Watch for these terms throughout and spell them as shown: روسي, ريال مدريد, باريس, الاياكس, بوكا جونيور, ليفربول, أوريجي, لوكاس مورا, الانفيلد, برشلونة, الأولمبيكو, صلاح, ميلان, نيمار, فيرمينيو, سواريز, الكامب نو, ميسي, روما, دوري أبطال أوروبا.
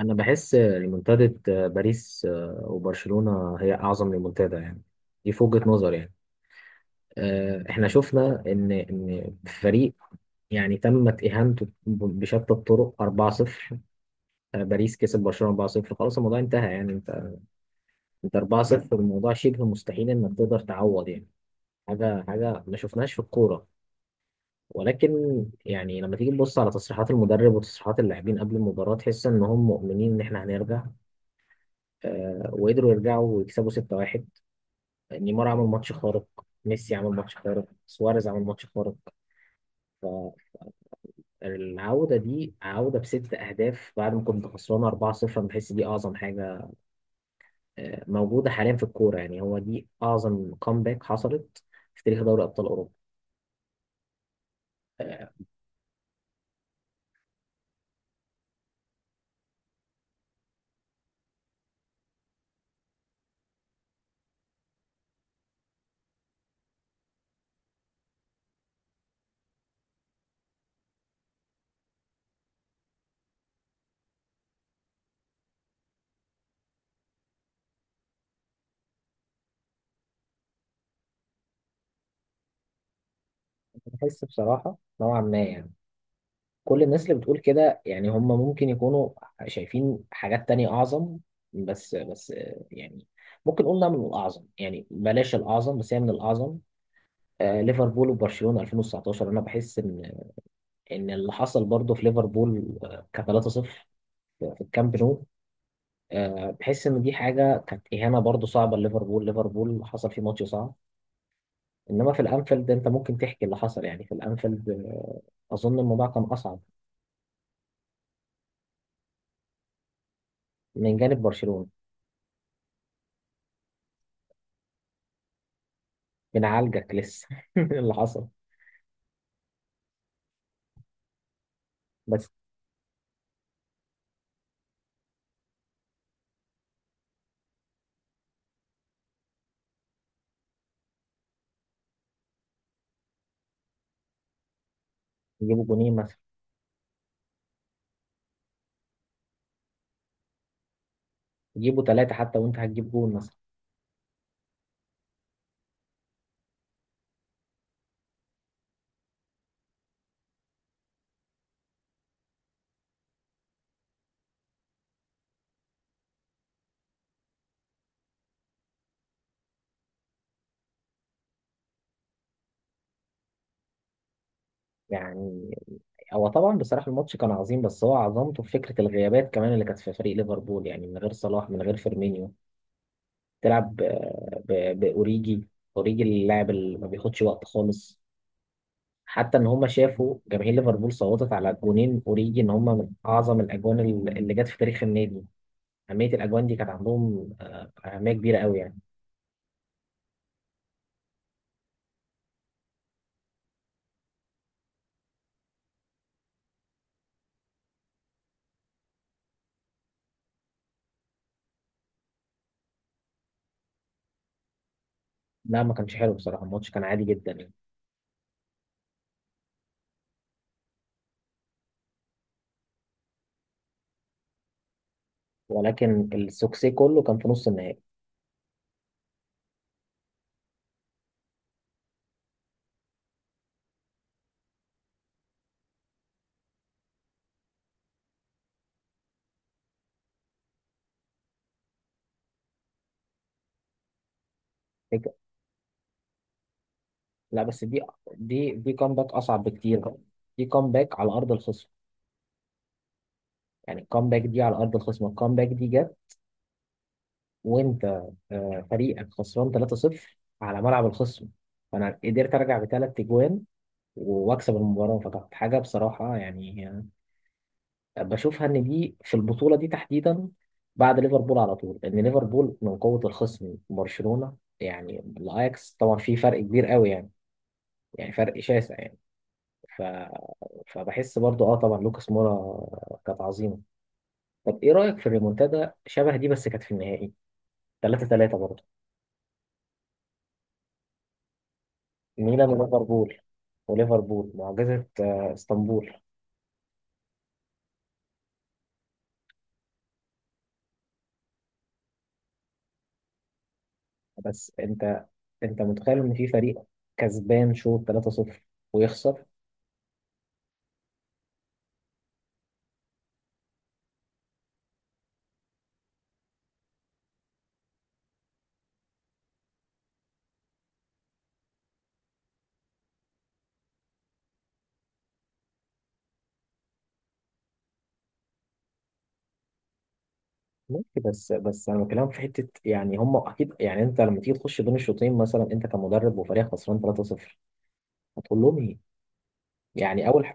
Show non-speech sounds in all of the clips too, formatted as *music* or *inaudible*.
انا بحس ريمونتادة باريس وبرشلونة هي اعظم ريمونتادا يعني. دي في وجهة نظر يعني. احنا شفنا ان فريق يعني تمت اهانته بشتى الطرق 4-0. باريس كسب برشلونة 4-0، خلاص الموضوع انتهى يعني انت 4-0، الموضوع شبه مستحيل انك تقدر تعوض يعني. حاجة حاجة ما شفناهاش في الكورة، ولكن يعني لما تيجي تبص على تصريحات المدرب وتصريحات اللاعبين قبل المباراة تحس ان هم مؤمنين ان احنا هنرجع. وقدروا يرجعوا ويكسبوا 6-1. نيمار عمل ماتش خارق، ميسي عمل ماتش خارق، سواريز عمل ماتش خارق. فالعودة دي عودة بست أهداف بعد ما كنت خسرانة 4-0. أنا بحس دي أعظم حاجة موجودة حاليا في الكورة يعني. هو دي أعظم كومباك حصلت في تاريخ دوري أبطال أوروبا. آه، بحس بصراحة نوعا ما يعني كل الناس اللي بتقول كده يعني هم ممكن يكونوا شايفين حاجات تانية أعظم. بس يعني ممكن نقول إنها من الأعظم يعني، بلاش الأعظم بس هي من الأعظم. ليفربول وبرشلونة 2019 انا بحس ان اللي حصل برضه في ليفربول ك 3-0 في الكامب نو. بحس ان دي حاجه كانت اهانه برضه صعبه لليفربول. ليفربول حصل فيه ماتش صعب، انما في الانفيلد انت ممكن تحكي اللي حصل يعني. في الانفيلد اظن الموضوع كان اصعب من جانب برشلونة. بنعالجك لسه *laughs* اللي حصل. بس يجيبوا جونين مثلا، يجيبوا ثلاثه حتى وانت هتجيب جون مثلا يعني. هو طبعا بصراحة الماتش كان عظيم، بس هو عظمته في فكرة الغيابات كمان اللي كانت في فريق ليفربول، يعني من غير صلاح من غير فيرمينيو تلعب بأوريجي. أوريجي اللاعب اللي ما بياخدش وقت خالص، حتى إن هما شافوا جماهير ليفربول صوتت على جونين أوريجي إن هما من أعظم الأجوان اللي جت في تاريخ النادي. أهمية الأجوان دي كانت عندهم أهمية كبيرة قوي يعني. لا ما كانش حلو بصراحة، الماتش كان عادي جدا يعني. ولكن السوكسي كله كان في نص النهائي. لا بس دي كومباك اصعب بكتير بقى. دي كومباك على ارض الخصم. يعني الكومباك دي على ارض الخصم. الكومباك دي جت، وانت فريقك خسران 3-0 على ملعب الخصم، فانا قدرت ارجع بثلاث اجوان واكسب المباراه. فكانت حاجه بصراحه يعني بشوفها ان دي في البطوله دي تحديدا بعد ليفربول على طول، لان ليفربول من قوه الخصم برشلونه يعني. الاياكس طبعا في فرق كبير قوي يعني، يعني فرق شاسع يعني. ف... فبحس برضو اه طبعا لوكاس مورا كانت عظيمه. طب ايه رايك في الريمونتادا شبه دي؟ بس كانت في النهائي 3-3 برضو، ميلان وليفربول. وليفربول معجزه اسطنبول. بس انت متخيل ان في فريق كسبان شوط 3-0 ويخسر؟ ماشي، بس انا بكلمك في حته يعني. هم اكيد يعني انت لما تيجي تخش بين الشوطين مثلا انت كمدرب وفريق خسران 3-0، هتقول لهم ايه؟ يعني اول.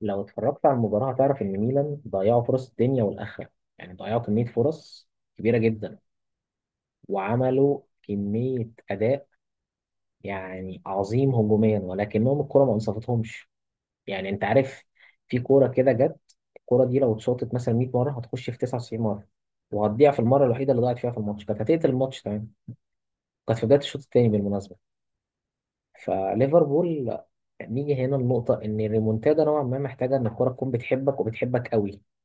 لو اتفرجت على المباراة هتعرف إن ميلان ضيعوا فرص الدنيا والآخرة، يعني ضيعوا كمية فرص كبيرة جدا، وعملوا كمية أداء يعني عظيم هجوميا، ولكنهم الكرة ما انصفتهمش. يعني أنت عارف، في كورة كده جت الكورة دي لو اتشاطت مثلا 100 مرة هتخش في 99 مرة، وهتضيع في المرة الوحيدة اللي ضاعت فيها في الماتش كانت هتقتل الماتش تمام. كانت في بداية الشوط الثاني بالمناسبة. فليفربول، نيجي هنا النقطة إن الريمونتادا نوعا ما محتاجة إن الكورة تكون بتحبك وبتحبك قوي. انت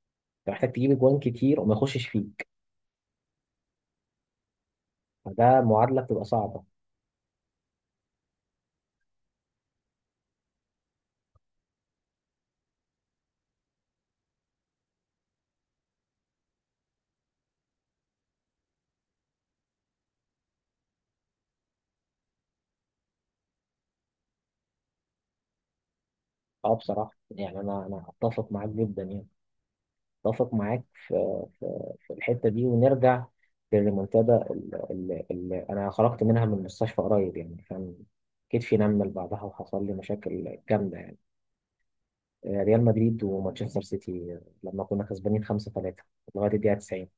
محتاج تجيب اجوان كتير وما يخشش فيك، فده معادله بتبقى صعبه. اه بصراحه يعني انا اتفق معاك جدا يعني. اتفق معاك في, في الحته دي، ونرجع للريمونتادا اللي انا خرجت منها من المستشفى قريب يعني. كان كتفي نمل بعدها وحصل لي مشاكل جامده يعني. ريال مدريد ومانشستر سيتي لما كنا كسبانين 5-3 لغايه الدقيقه 90.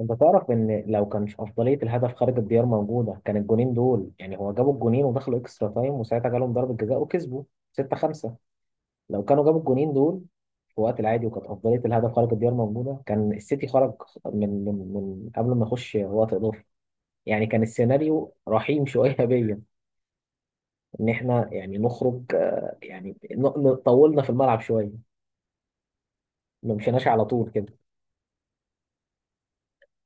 انت تعرف ان لو كانش افضليه الهدف خارج الديار موجوده كان الجونين دول يعني، هو جابوا الجونين ودخلوا اكسترا تايم وساعتها جالهم ضربه جزاء وكسبوا 6-5. لو كانوا جابوا الجونين دول في وقت العادي وكانت افضليه الهدف خارج الديار موجوده كان السيتي خرج من قبل ما يخش وقت اضافي. يعني كان السيناريو رحيم شويه *laughs* بيا، ان احنا يعني نخرج يعني طولنا في الملعب شويه، ما مشيناش على طول كده.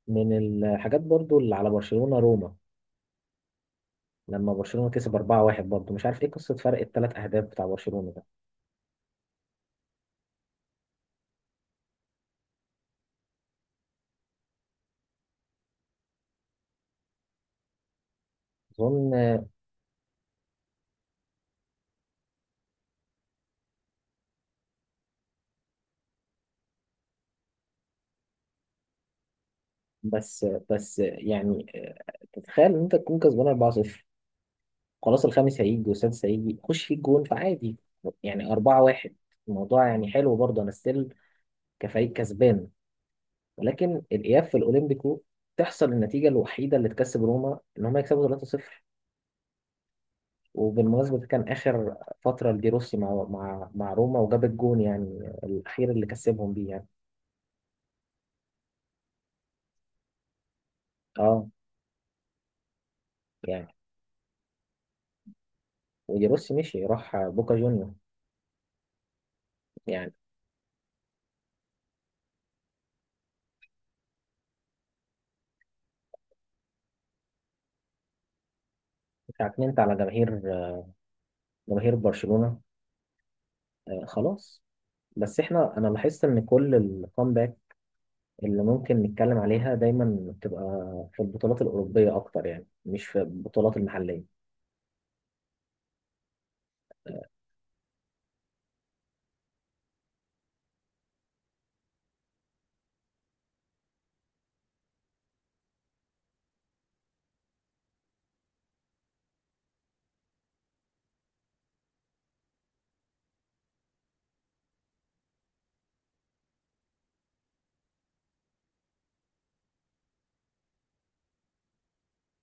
من الحاجات برضو اللي على برشلونه روما لما برشلونة كسب 4-1. برضه مش عارف ايه قصة فرق الثلاث اهداف بتاع برشلونة ده، اظن. بس بس يعني تتخيل ان انت تكون كسبان 4-0، خلاص الخامس هيجي والسادس هيجي، خش فيه الجون فعادي، يعني 4-1 الموضوع يعني حلو برضه انا ستيل كفريق كسبان. ولكن الاياب في الاولمبيكو تحصل النتيجة الوحيدة اللي تكسب روما ان هم يكسبوا 3-0. وبالمناسبة ده كان آخر فترة لدي روسي مع روما، وجاب الجون يعني الأخير اللي كسبهم بيه يعني. اه يعني جيروسي مشي راح بوكا جونيور يعني. اتعكننت على جماهير، جماهير برشلونة خلاص. بس احنا، انا لاحظت ان كل الكومباك اللي ممكن نتكلم عليها دايما بتبقى في البطولات الأوروبية اكتر يعني مش في البطولات المحلية.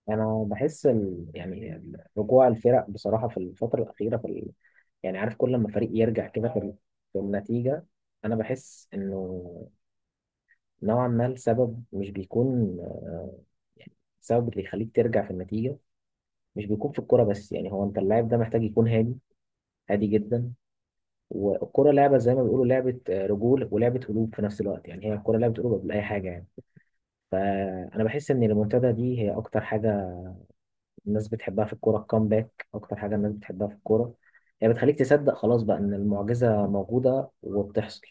انا بحس يعني رجوع الفرق بصراحة في الفترة الأخيرة يعني عارف كل لما فريق يرجع كده في النتيجة، انا بحس انه نوعا ما السبب مش بيكون يعني السبب اللي يخليك ترجع في النتيجة مش بيكون في الكوره بس. يعني هو انت، اللاعب ده محتاج يكون هادي، هادي جدا. والكوره لعبه زي ما بيقولوا لعبه رجول ولعبه قلوب في نفس الوقت يعني. هي الكوره لعبه قلوب قبل اي حاجه يعني. فانا بحس ان المنتدى دي هي اكتر حاجه الناس بتحبها في الكوره. الكامباك اكتر حاجه الناس بتحبها في الكوره. هي بتخليك تصدق خلاص بقى ان المعجزه موجوده وبتحصل.